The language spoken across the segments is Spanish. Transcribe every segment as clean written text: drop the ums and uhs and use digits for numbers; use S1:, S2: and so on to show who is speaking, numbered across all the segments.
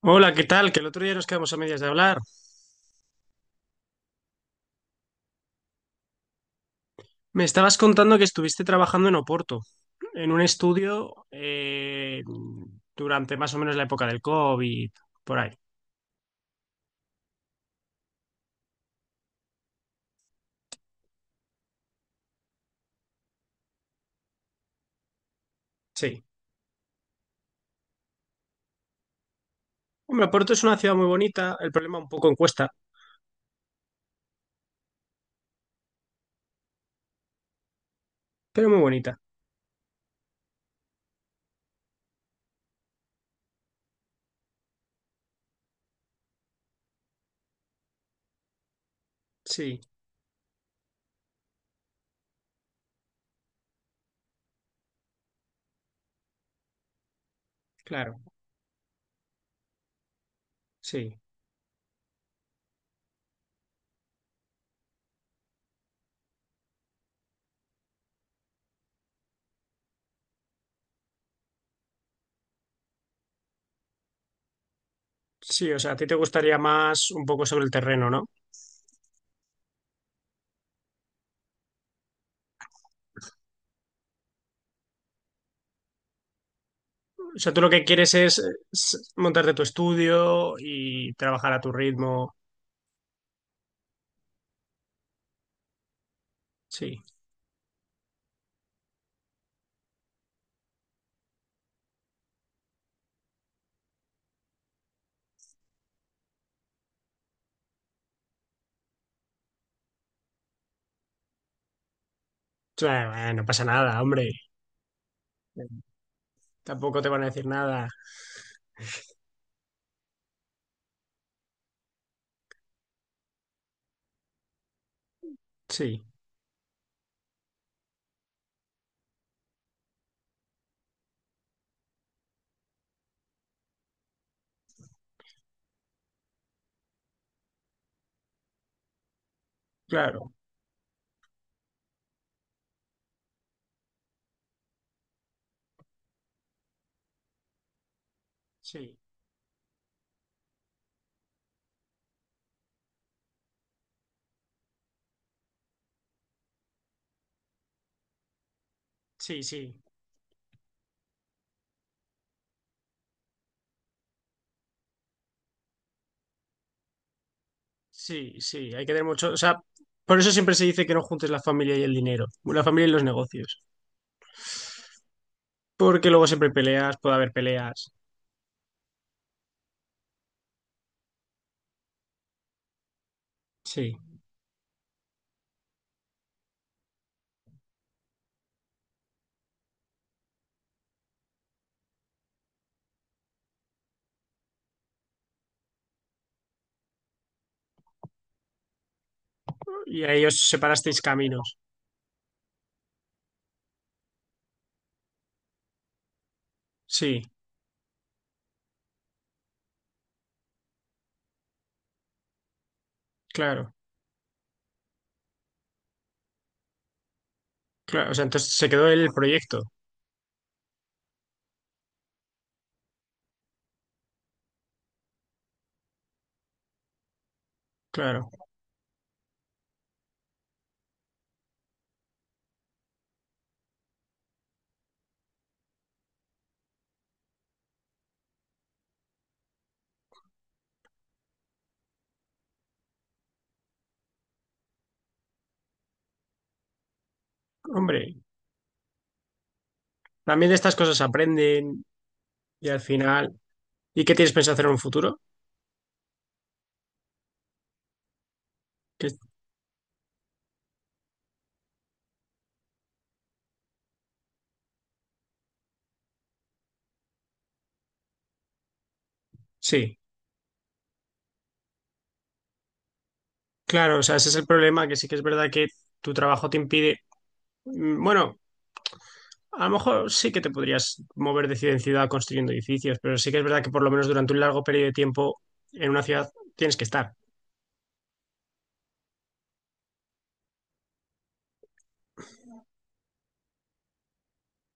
S1: Hola, ¿qué tal? Que el otro día nos quedamos a medias de hablar. Me estabas contando que estuviste trabajando en Oporto, en un estudio durante más o menos la época del COVID, por ahí. Sí. Hombre, Oporto es una ciudad muy bonita, el problema un poco en cuesta, pero muy bonita. Sí, claro, sí. Sí, o sea, a ti te gustaría más un poco sobre el terreno, ¿no? O sea, tú lo que quieres es, montarte tu estudio y trabajar a tu ritmo. Sí. Claro, bueno, no pasa nada, hombre. Tampoco te van a decir nada. Sí, claro. Sí, sí, sí, sí, sí. Hay que tener mucho. O sea, por eso siempre se dice que no juntes la familia y el dinero, la familia y los negocios. Porque luego siempre hay peleas, puede haber peleas. Sí. Y ahí os separasteis caminos. Sí, claro, claro. O sea, entonces se quedó el proyecto. Claro. Hombre, también de estas cosas aprenden y al final. ¿Y qué tienes pensado hacer en un futuro? Que- Sí, claro. O sea, ese es el problema, que sí que es verdad que tu trabajo te impide. Bueno. A lo mejor sí que te podrías mover de ciudad en ciudad construyendo edificios, pero sí que es verdad que por lo menos durante un largo periodo de tiempo en una ciudad tienes que estar.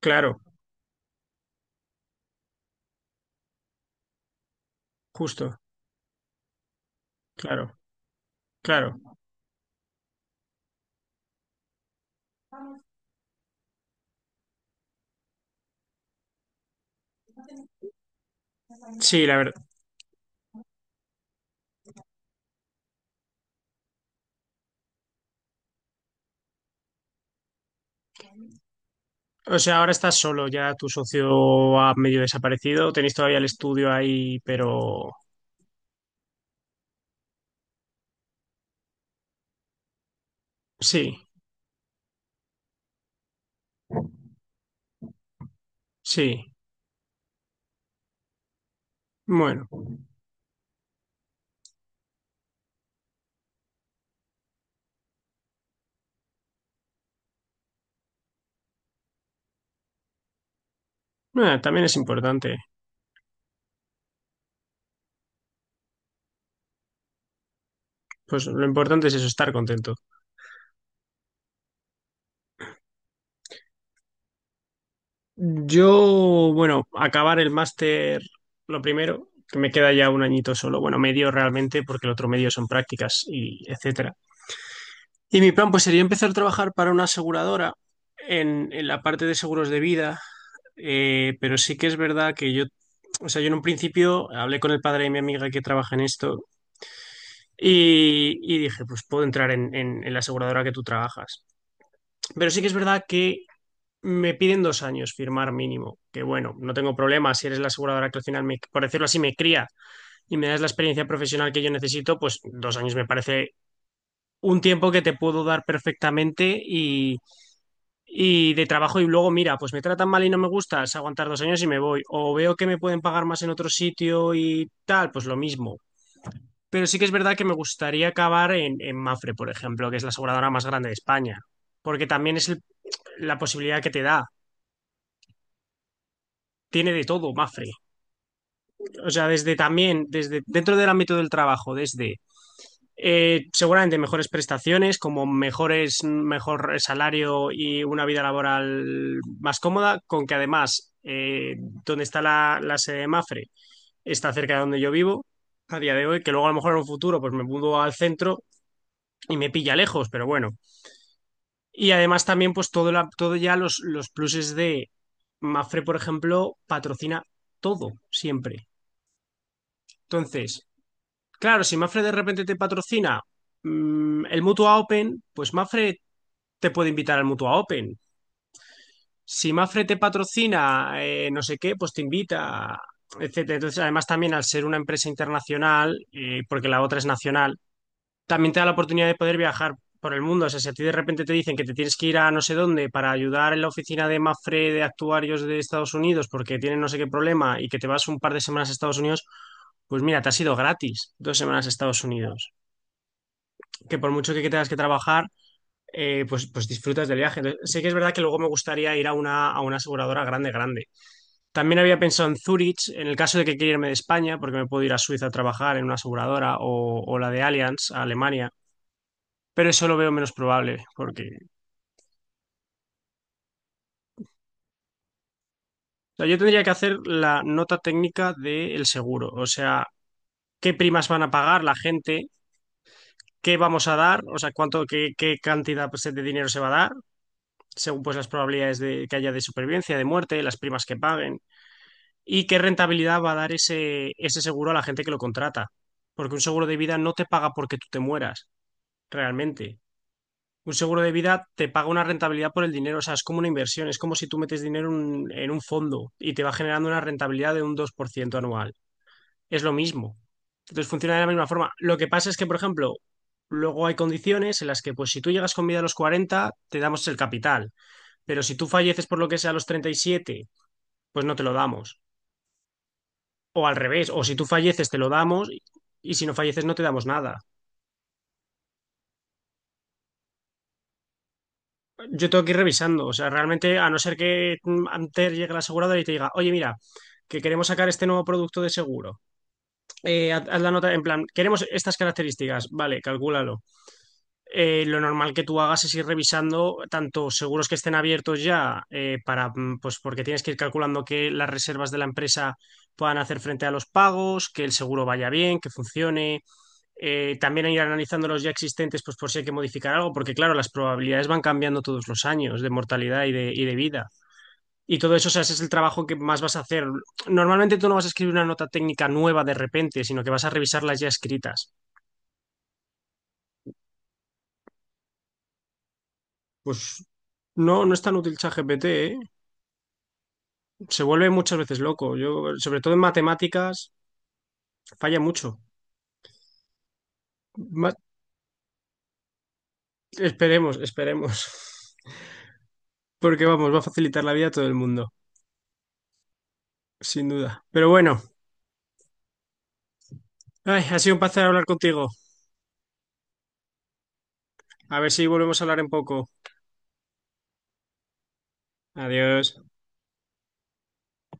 S1: Claro, justo, claro, claro. Sí, la verdad. O sea, ahora estás solo, ya tu socio ha medio desaparecido, tenéis todavía el estudio ahí, pero sí, sí. Bueno, también es importante. Pues lo importante es eso, estar contento. Yo, bueno, acabar el máster lo primero, que me queda ya un añito solo, bueno, medio realmente, porque el otro medio son prácticas y etcétera. Y mi plan pues sería empezar a trabajar para una aseguradora en la parte de seguros de vida, pero sí que es verdad que yo, o sea, yo en un principio hablé con el padre de mi amiga que trabaja en esto y dije, pues puedo entrar en la aseguradora que tú trabajas. Pero sí que es verdad que me piden 2 años firmar mínimo, que bueno, no tengo problema si eres la aseguradora que al final, me, por decirlo así, me cría y me das la experiencia profesional que yo necesito, pues 2 años me parece un tiempo que te puedo dar perfectamente y de trabajo y luego, mira, pues me tratan mal y no me gusta, es aguantar 2 años y me voy, o veo que me pueden pagar más en otro sitio y tal, pues lo mismo. Pero sí que es verdad que me gustaría acabar en Mafre, por ejemplo, que es la aseguradora más grande de España, porque también es la posibilidad que te da, tiene de todo Mafre. O sea, desde también, desde dentro del ámbito del trabajo, desde seguramente mejores prestaciones, como mejores, mejor salario y una vida laboral más cómoda, con que además donde está la sede de Mafre está cerca de donde yo vivo a día de hoy, que luego a lo mejor en un futuro pues me mudo al centro y me pilla lejos, pero bueno. Y además también pues todo, todo ya los pluses de Mafre, por ejemplo, patrocina todo siempre. Entonces, claro, si Mafre de repente te patrocina el Mutua Open, pues Mafre te puede invitar al Mutua Open. Si Mafre te patrocina no sé qué, pues te invita, etcétera. Entonces, además también al ser una empresa internacional, porque la otra es nacional, también te da la oportunidad de poder viajar por el mundo. O sea, si a ti de repente te dicen que te tienes que ir a no sé dónde para ayudar en la oficina de Mafre de actuarios de Estados Unidos porque tienen no sé qué problema y que te vas un par de semanas a Estados Unidos, pues mira, te has ido gratis 2 semanas a Estados Unidos. Que por mucho que tengas que trabajar, pues disfrutas del viaje. Entonces, sí que es verdad que luego me gustaría ir a una aseguradora grande, grande. También había pensado en Zurich, en el caso de que quiera irme de España, porque me puedo ir a Suiza a trabajar en una aseguradora o la de Allianz, a Alemania. Pero eso lo veo menos probable, porque o sea, yo tendría que hacer la nota técnica del seguro. O sea, qué primas van a pagar la gente, qué vamos a dar, o sea, cuánto, qué cantidad pues, de dinero se va a dar, según pues las probabilidades de que haya de supervivencia, de muerte, las primas que paguen. Y qué rentabilidad va a dar ese seguro a la gente que lo contrata. Porque un seguro de vida no te paga porque tú te mueras, realmente. Un seguro de vida te paga una rentabilidad por el dinero, o sea, es como una inversión, es como si tú metes dinero en un fondo y te va generando una rentabilidad de un 2% anual. Es lo mismo. Entonces funciona de la misma forma. Lo que pasa es que, por ejemplo, luego hay condiciones en las que, pues, si tú llegas con vida a los 40, te damos el capital, pero si tú falleces por lo que sea a los 37, pues no te lo damos. O al revés, o si tú falleces te lo damos y si no falleces no te damos nada. Yo tengo que ir revisando, o sea, realmente a no ser que antes llegue la aseguradora y te diga, oye, mira, que queremos sacar este nuevo producto de seguro, haz la nota en plan, queremos estas características, vale, calcúlalo. Lo normal que tú hagas es ir revisando tanto seguros que estén abiertos ya para, pues porque tienes que ir calculando que las reservas de la empresa puedan hacer frente a los pagos, que el seguro vaya bien, que funcione, también ir analizando los ya existentes, pues por si hay que modificar algo, porque claro, las probabilidades van cambiando todos los años de mortalidad y de vida. Y todo eso, o sea, ese es el trabajo que más vas a hacer. Normalmente tú no vas a escribir una nota técnica nueva de repente, sino que vas a revisar las ya escritas. Pues no, no es tan útil ChatGPT, ¿eh? Se vuelve muchas veces loco. Yo, sobre todo en matemáticas, falla mucho. Ma- esperemos, esperemos. Porque vamos, va a facilitar la vida a todo el mundo, sin duda. Pero bueno, ay, ha sido un placer hablar contigo. A ver si volvemos a hablar en poco. Adiós.